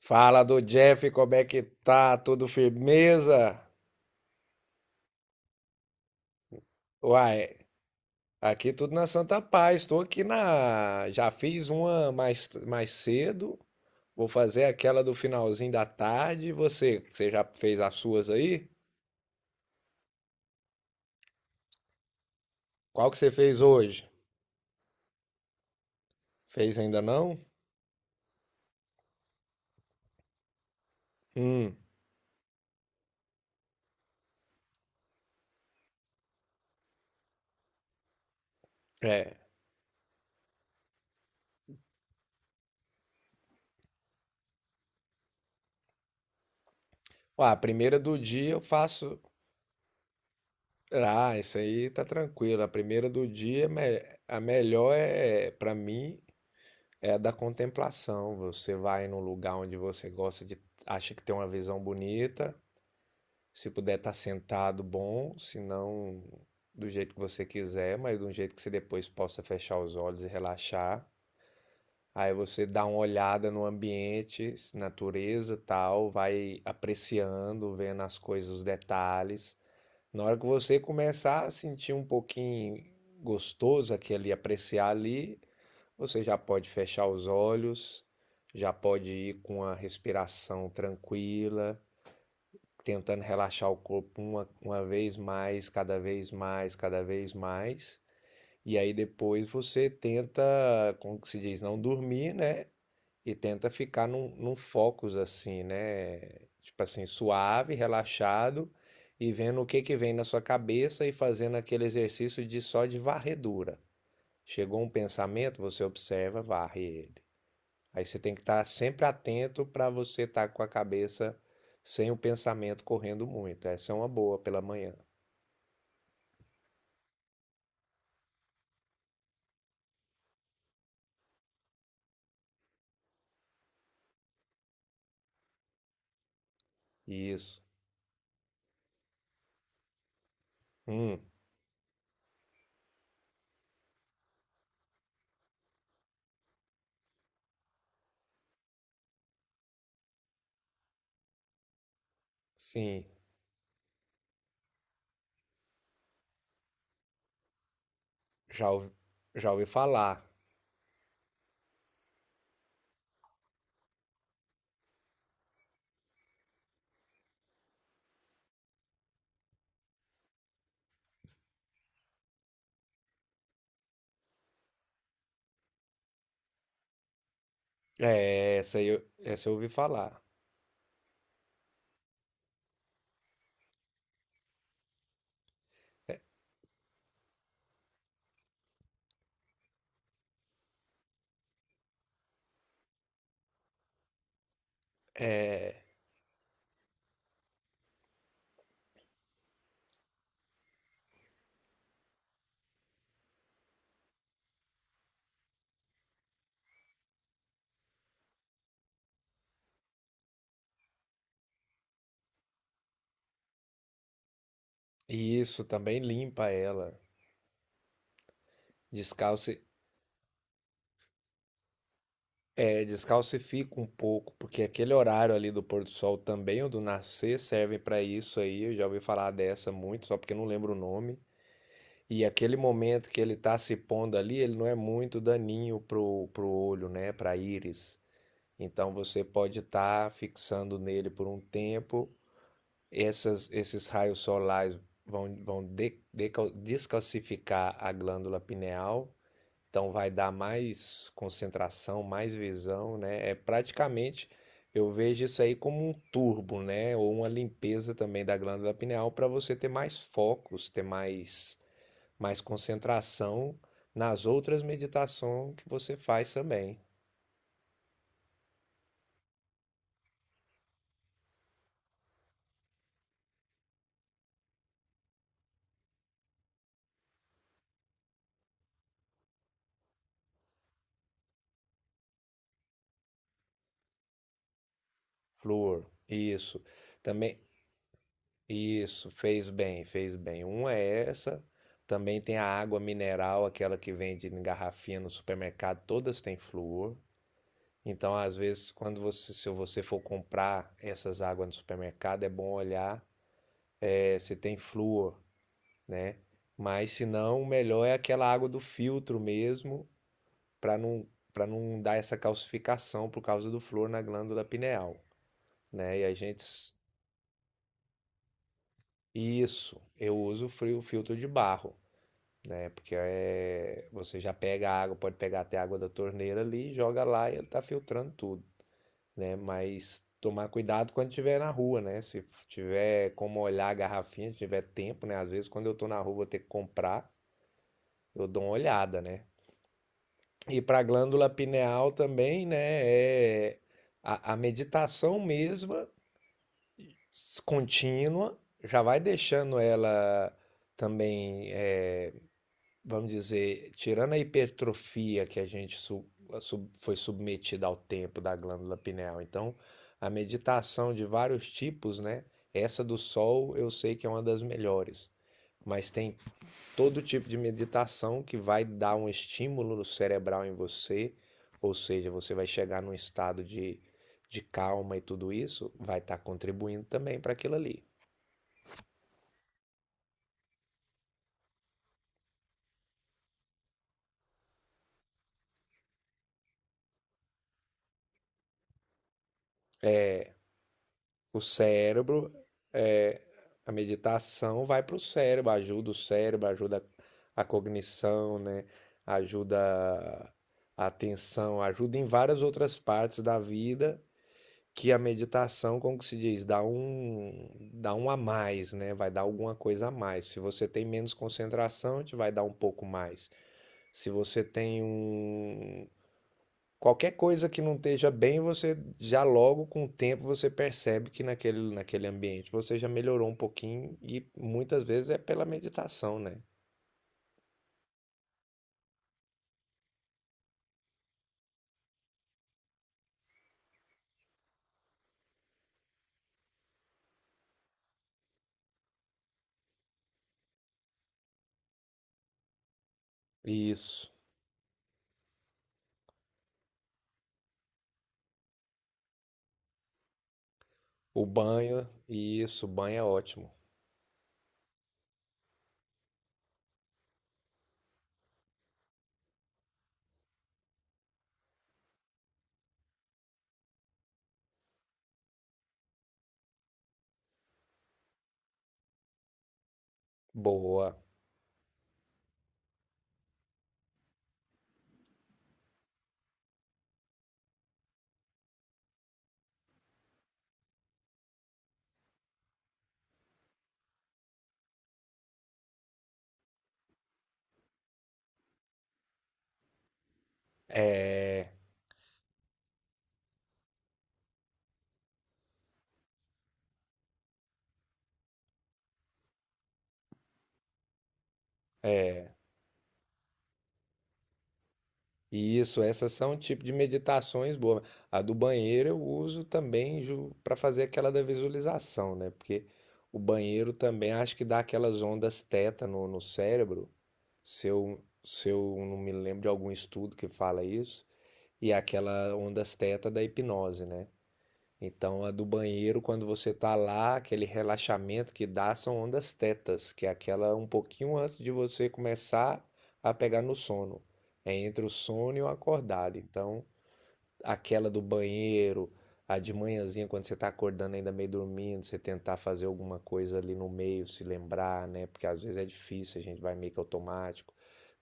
Fala do Jeff, como é que tá? Tudo firmeza? Uai, aqui tudo na Santa Paz. Estou aqui na. Já fiz uma mais cedo. Vou fazer aquela do finalzinho da tarde. E você já fez as suas aí? Qual que você fez hoje? Fez ainda não? Hum, é. Uai, a primeira do dia eu faço. Ah, isso aí tá tranquilo. A primeira do dia, a melhor é, pra mim, é da contemplação. Você vai num lugar onde você gosta de, acha que tem uma visão bonita. Se puder estar sentado, bom. Se não, do jeito que você quiser, mas de um jeito que você depois possa fechar os olhos e relaxar. Aí você dá uma olhada no ambiente, natureza, e tal, vai apreciando, vendo as coisas, os detalhes. Na hora que você começar a sentir um pouquinho gostoso aquele apreciar ali, você já pode fechar os olhos, já pode ir com a respiração tranquila, tentando relaxar o corpo uma vez mais, cada vez mais, cada vez mais. E aí depois você tenta, como que se diz, não dormir, né? E tenta ficar num focus assim, né? Tipo assim, suave, relaxado e vendo o que que vem na sua cabeça e fazendo aquele exercício de só de varredura. Chegou um pensamento, você observa, varre ele. Aí você tem que estar sempre atento para você estar com a cabeça sem o pensamento correndo muito. Essa é uma boa pela manhã. Isso. Hum, sim. Já ouvi, já ouvi falar. É, essa eu ouvi falar. É, isso também limpa ela. Descalce, é, descalcifica um pouco, porque aquele horário ali do pôr do sol também, ou do nascer, servem para isso aí. Eu já ouvi falar dessa muito, só porque eu não lembro o nome. E aquele momento que ele está se pondo ali, ele não é muito daninho pro olho, né? Para íris. Então você pode estar tá fixando nele por um tempo. Esses raios solares vão, vão descalcificar a glândula pineal. Então vai dar mais concentração, mais visão, né? É praticamente eu vejo isso aí como um turbo, né? Ou uma limpeza também da glândula pineal para você ter mais focos, ter mais mais concentração nas outras meditações que você faz também. Flor, isso. Também, isso, fez bem, fez bem. Uma é essa. Também tem a água mineral, aquela que vende em garrafinha no supermercado, todas têm flúor. Então, às vezes, se você for comprar essas águas no supermercado, é bom olhar se tem flúor, né? Mas se não, o melhor é aquela água do filtro mesmo, para não, para não dar essa calcificação por causa do flúor na glândula pineal, né? E a gente. Isso, eu uso filtro de barro, né? Porque é, você já pega a água, pode pegar até a água da torneira ali, joga lá e ele tá filtrando tudo, né? Mas tomar cuidado quando estiver na rua, né? Se tiver como olhar a garrafinha, se tiver tempo, né? Às vezes quando eu tô na rua vou ter que comprar, eu dou uma olhada, né? E para a glândula pineal também, né? É a meditação mesma, contínua, já vai deixando ela também, é, vamos dizer, tirando a hipertrofia que a gente su- a sub- foi submetida ao tempo da glândula pineal. Então, a meditação de vários tipos, né? Essa do sol eu sei que é uma das melhores, mas tem todo tipo de meditação que vai dar um estímulo cerebral em você, ou seja, você vai chegar num estado de calma e tudo isso, vai estar tá contribuindo também para aquilo ali. O cérebro, é, a meditação vai para o cérebro, ajuda a cognição, né? Ajuda a atenção, ajuda em várias outras partes da vida. Que a meditação, como que se diz, dá um a mais, né? Vai dar alguma coisa a mais. Se você tem menos concentração, te vai dar um pouco mais. Se você tem um qualquer coisa que não esteja bem, você já logo com o tempo você percebe que naquele ambiente você já melhorou um pouquinho e muitas vezes é pela meditação, né? Isso. O banho, isso, o banho é ótimo. Boa. É, é. Isso, essas são um tipo de meditações boas. A do banheiro eu uso também para fazer aquela da visualização, né? Porque o banheiro também acho que dá aquelas ondas teta no cérebro, se eu não me lembro de algum estudo que fala isso, e é aquela ondas teta da hipnose, né? Então, a do banheiro, quando você tá lá, aquele relaxamento que dá são ondas tetas, que é aquela um pouquinho antes de você começar a pegar no sono. É entre o sono e o acordado. Então, aquela do banheiro, a de manhãzinha, quando você tá acordando ainda meio dormindo, você tentar fazer alguma coisa ali no meio, se lembrar, né? Porque às vezes é difícil, a gente vai meio que automático.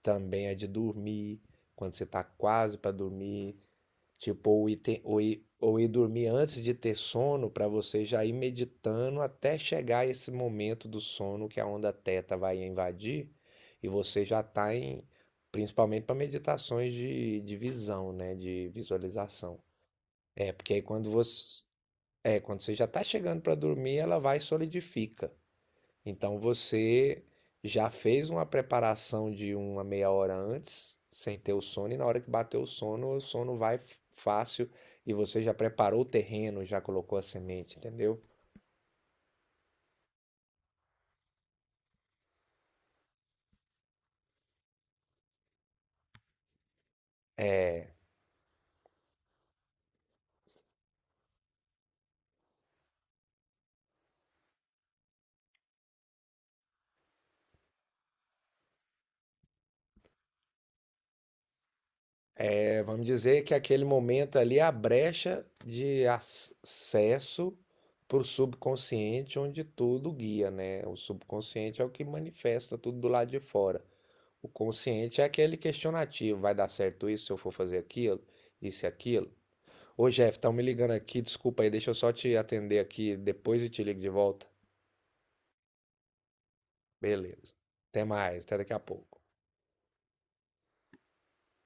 Também a de dormir, quando você tá quase para dormir. Tipo, ou ir dormir antes de ter sono para você já ir meditando até chegar esse momento do sono que a onda teta vai invadir e você já tá em, principalmente para meditações de visão, né, de visualização. É, porque aí quando você, é, quando você já tá chegando para dormir, ela vai e solidifica. Então você já fez uma preparação de uma meia hora antes, sem ter o sono, e na hora que bateu o sono vai fácil e você já preparou o terreno, já colocou a semente, entendeu? É, é, vamos dizer que aquele momento ali é a brecha de acesso para o subconsciente, onde tudo guia, né? O subconsciente é o que manifesta tudo do lado de fora. O consciente é aquele questionativo, vai dar certo isso se eu for fazer aquilo, isso e aquilo. Ô, Jeff, estão me ligando aqui, desculpa aí, deixa eu só te atender aqui depois e te ligo de volta. Beleza. Até mais, até daqui a pouco.